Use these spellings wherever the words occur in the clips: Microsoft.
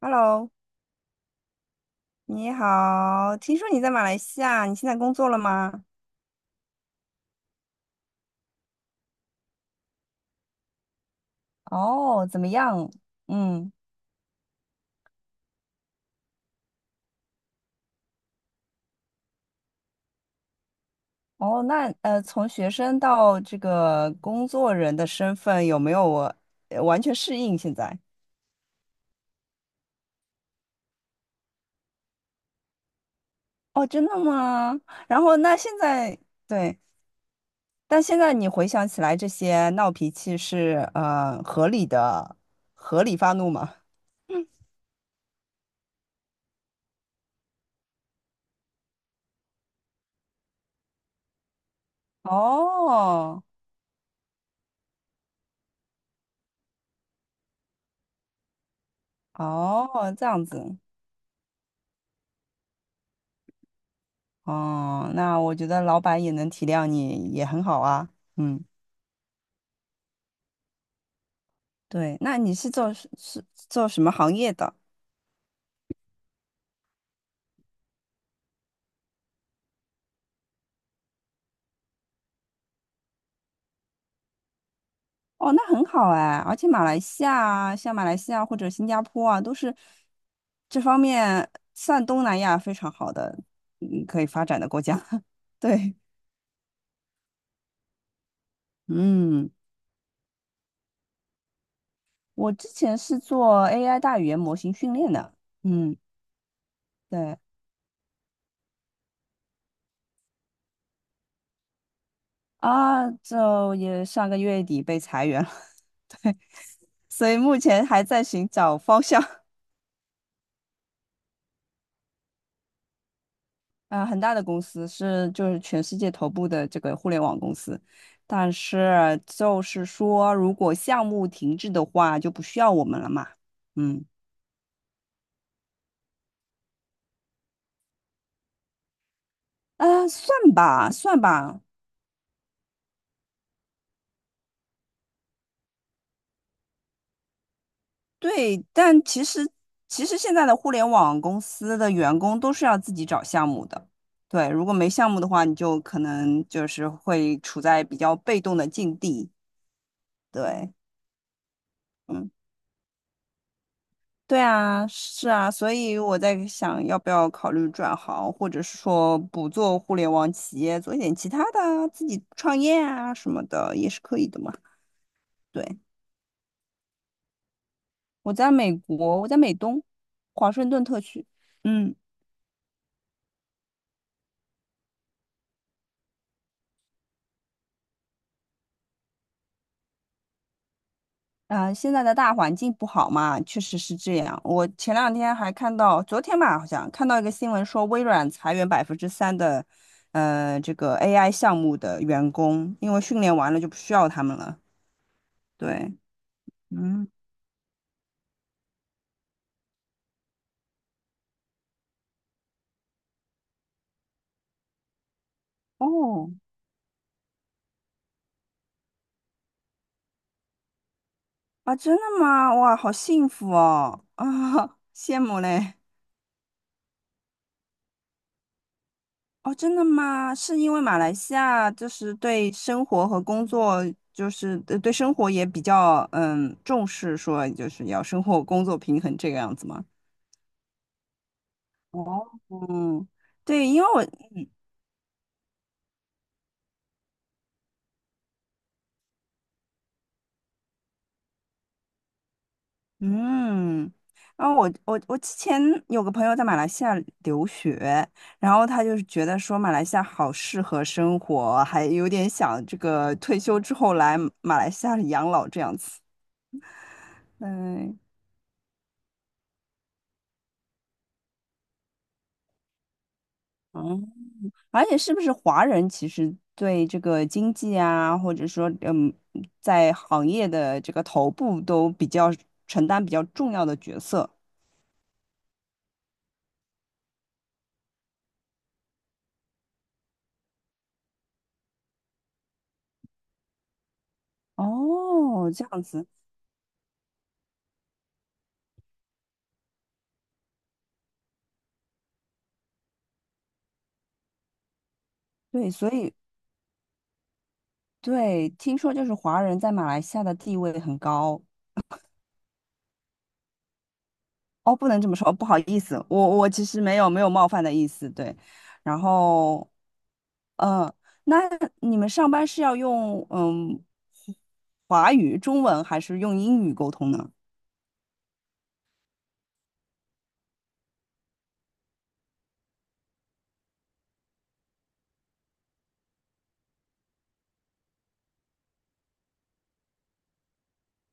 Hello，你好，听说你在马来西亚，你现在工作了吗？哦，怎么样？嗯，哦，那从学生到这个工作人的身份，有没有完全适应现在？哦，真的吗？然后那现在，对，但现在你回想起来，这些闹脾气是合理的，合理发怒吗？哦，哦，这样子，哦，那我觉得老板也能体谅你，也很好啊。嗯，对，那你是做是是做什么行业的？哦，那很好哎，而且马来西亚啊，像马来西亚或者新加坡啊，都是这方面算东南亚非常好的，嗯，可以发展的国家。对，嗯，我之前是做 AI 大语言模型训练的，嗯，对啊，就也上个月底被裁员了，所以目前还在寻找方向。嗯、很大的公司是就是全世界头部的这个互联网公司，但是就是说，如果项目停滞的话，就不需要我们了嘛。嗯，啊，算吧，算吧，对，但其实现在的互联网公司的员工都是要自己找项目的。对，如果没项目的话，你就可能就是会处在比较被动的境地。对。嗯。对啊，是啊，所以我在想要不要考虑转行，或者是说不做互联网企业，做一点其他的啊自己创业啊什么的也是可以的嘛。对，我在美国，我在美东，华盛顿特区。嗯，啊、现在的大环境不好嘛，确实是这样。我前两天还看到，昨天吧，好像看到一个新闻说，微软裁员百分之三的，这个 AI 项目的员工，因为训练完了就不需要他们了。对。嗯。哦，啊，真的吗？哇，好幸福哦！啊，羡慕嘞！哦，真的吗？是因为马来西亚就是对生活和工作，就是对生活也比较重视，说就是要生活工作平衡这个样子吗？哦，嗯，对，因为我嗯，然后我之前有个朋友在马来西亚留学，然后他就是觉得说马来西亚好适合生活，还有点想这个退休之后来马来西亚养老这样子。嗯，嗯，而且是不是华人其实对这个经济啊，或者说，在行业的这个头部都比较承担比较重要的角色。哦，这样子，对，所以。对，听说就是华人在马来西亚的地位很高哦，不能这么说，哦不好意思，我其实没有冒犯的意思，对。然后，嗯、那你们上班是要用华语、中文还是用英语沟通呢？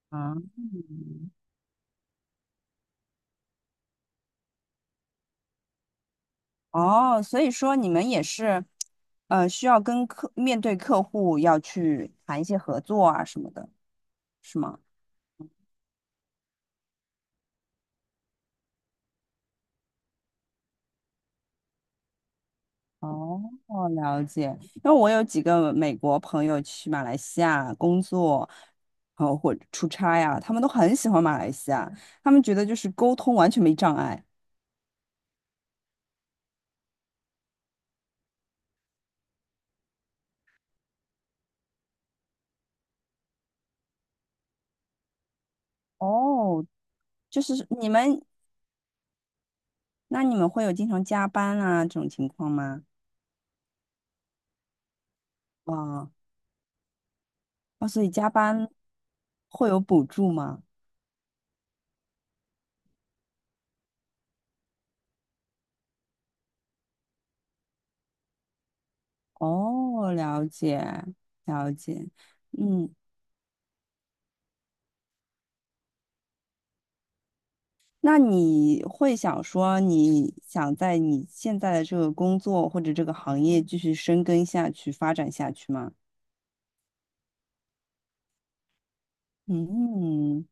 啊，哦，所以说你们也是，需要面对客户要去谈一些合作啊什么的，是吗？哦，了解。因为我有几个美国朋友去马来西亚工作，然后或者出差呀、他们都很喜欢马来西亚，他们觉得就是沟通完全没障碍。哦，就是你们，那你们会有经常加班啊这种情况吗？啊哦，所以加班会有补助吗？哦，了解，了解。嗯，那你会想说，你想在你现在的这个工作或者这个行业继续深耕下去、发展下去吗？嗯，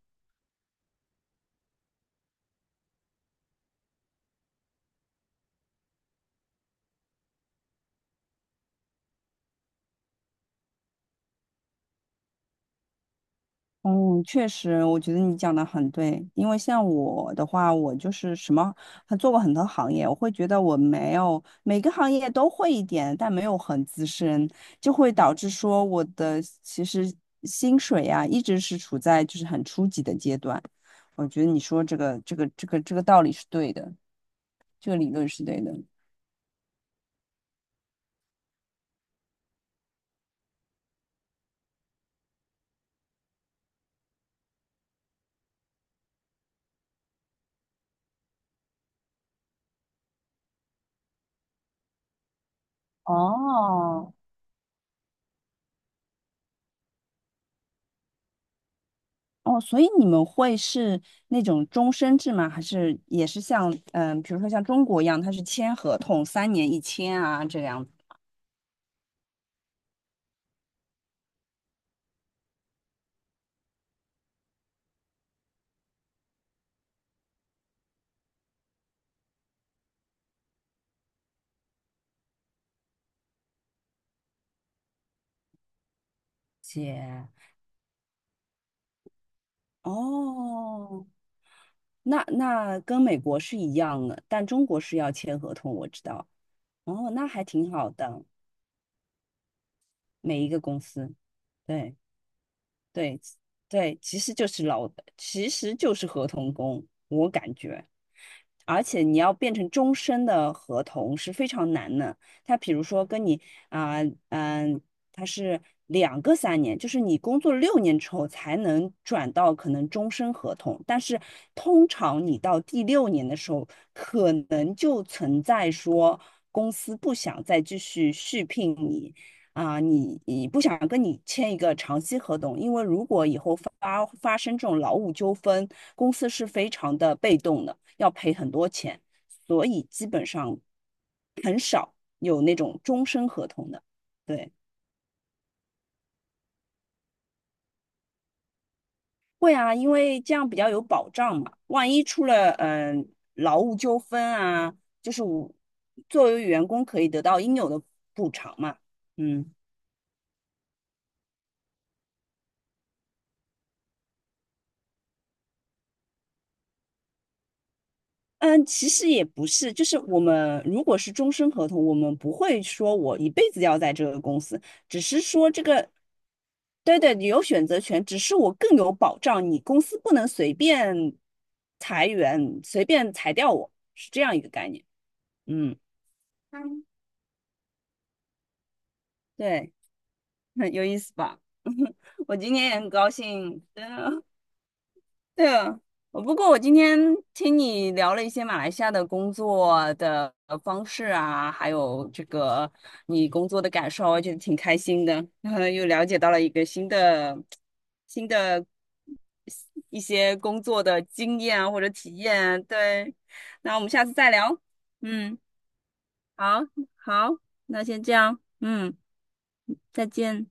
嗯，确实，我觉得你讲的很对。因为像我的话，我就是什么，还做过很多行业，我会觉得我没有每个行业都会一点，但没有很资深，就会导致说我的其实薪水啊，一直是处在就是很初级的阶段。我觉得你说这个道理是对的。这个理论是对的。哦，哦，所以你们会是那种终身制吗？还是也是像比如说像中国一样，它是签合同，三年一签啊这样子？姐，哦，那跟美国是一样的，但中国是要签合同，我知道。哦，那还挺好的，每一个公司。对。对对，其实就是劳，其实就是合同工，我感觉。而且你要变成终身的合同是非常难的。他比如说跟你啊，嗯、他是两个三年，就是你工作六年之后才能转到可能终身合同，但是通常你到第六年的时候，可能就存在说公司不想再继续续聘你。啊、你不想跟你签一个长期合同，因为如果以后发生这种劳务纠纷，公司是非常的被动的，要赔很多钱，所以基本上很少有那种终身合同的。对，会啊，因为这样比较有保障嘛，万一出了劳务纠纷啊，就是我作为员工可以得到应有的补偿嘛。嗯，嗯，其实也不是，就是我们如果是终身合同，我们不会说我一辈子要在这个公司，只是说这个，对对，你有选择权，只是我更有保障，你公司不能随便裁员，随便裁掉我，是这样一个概念。嗯，嗯对，很有意思吧？我今天也很高兴，真的。对啊，我不过我今天听你聊了一些马来西亚的工作的方式啊，还有这个你工作的感受，我觉得挺开心的，然后又了解到了一个新的、新的一些工作的经验啊或者体验啊。对，那我们下次再聊。嗯，好，好，那先这样，嗯，再见。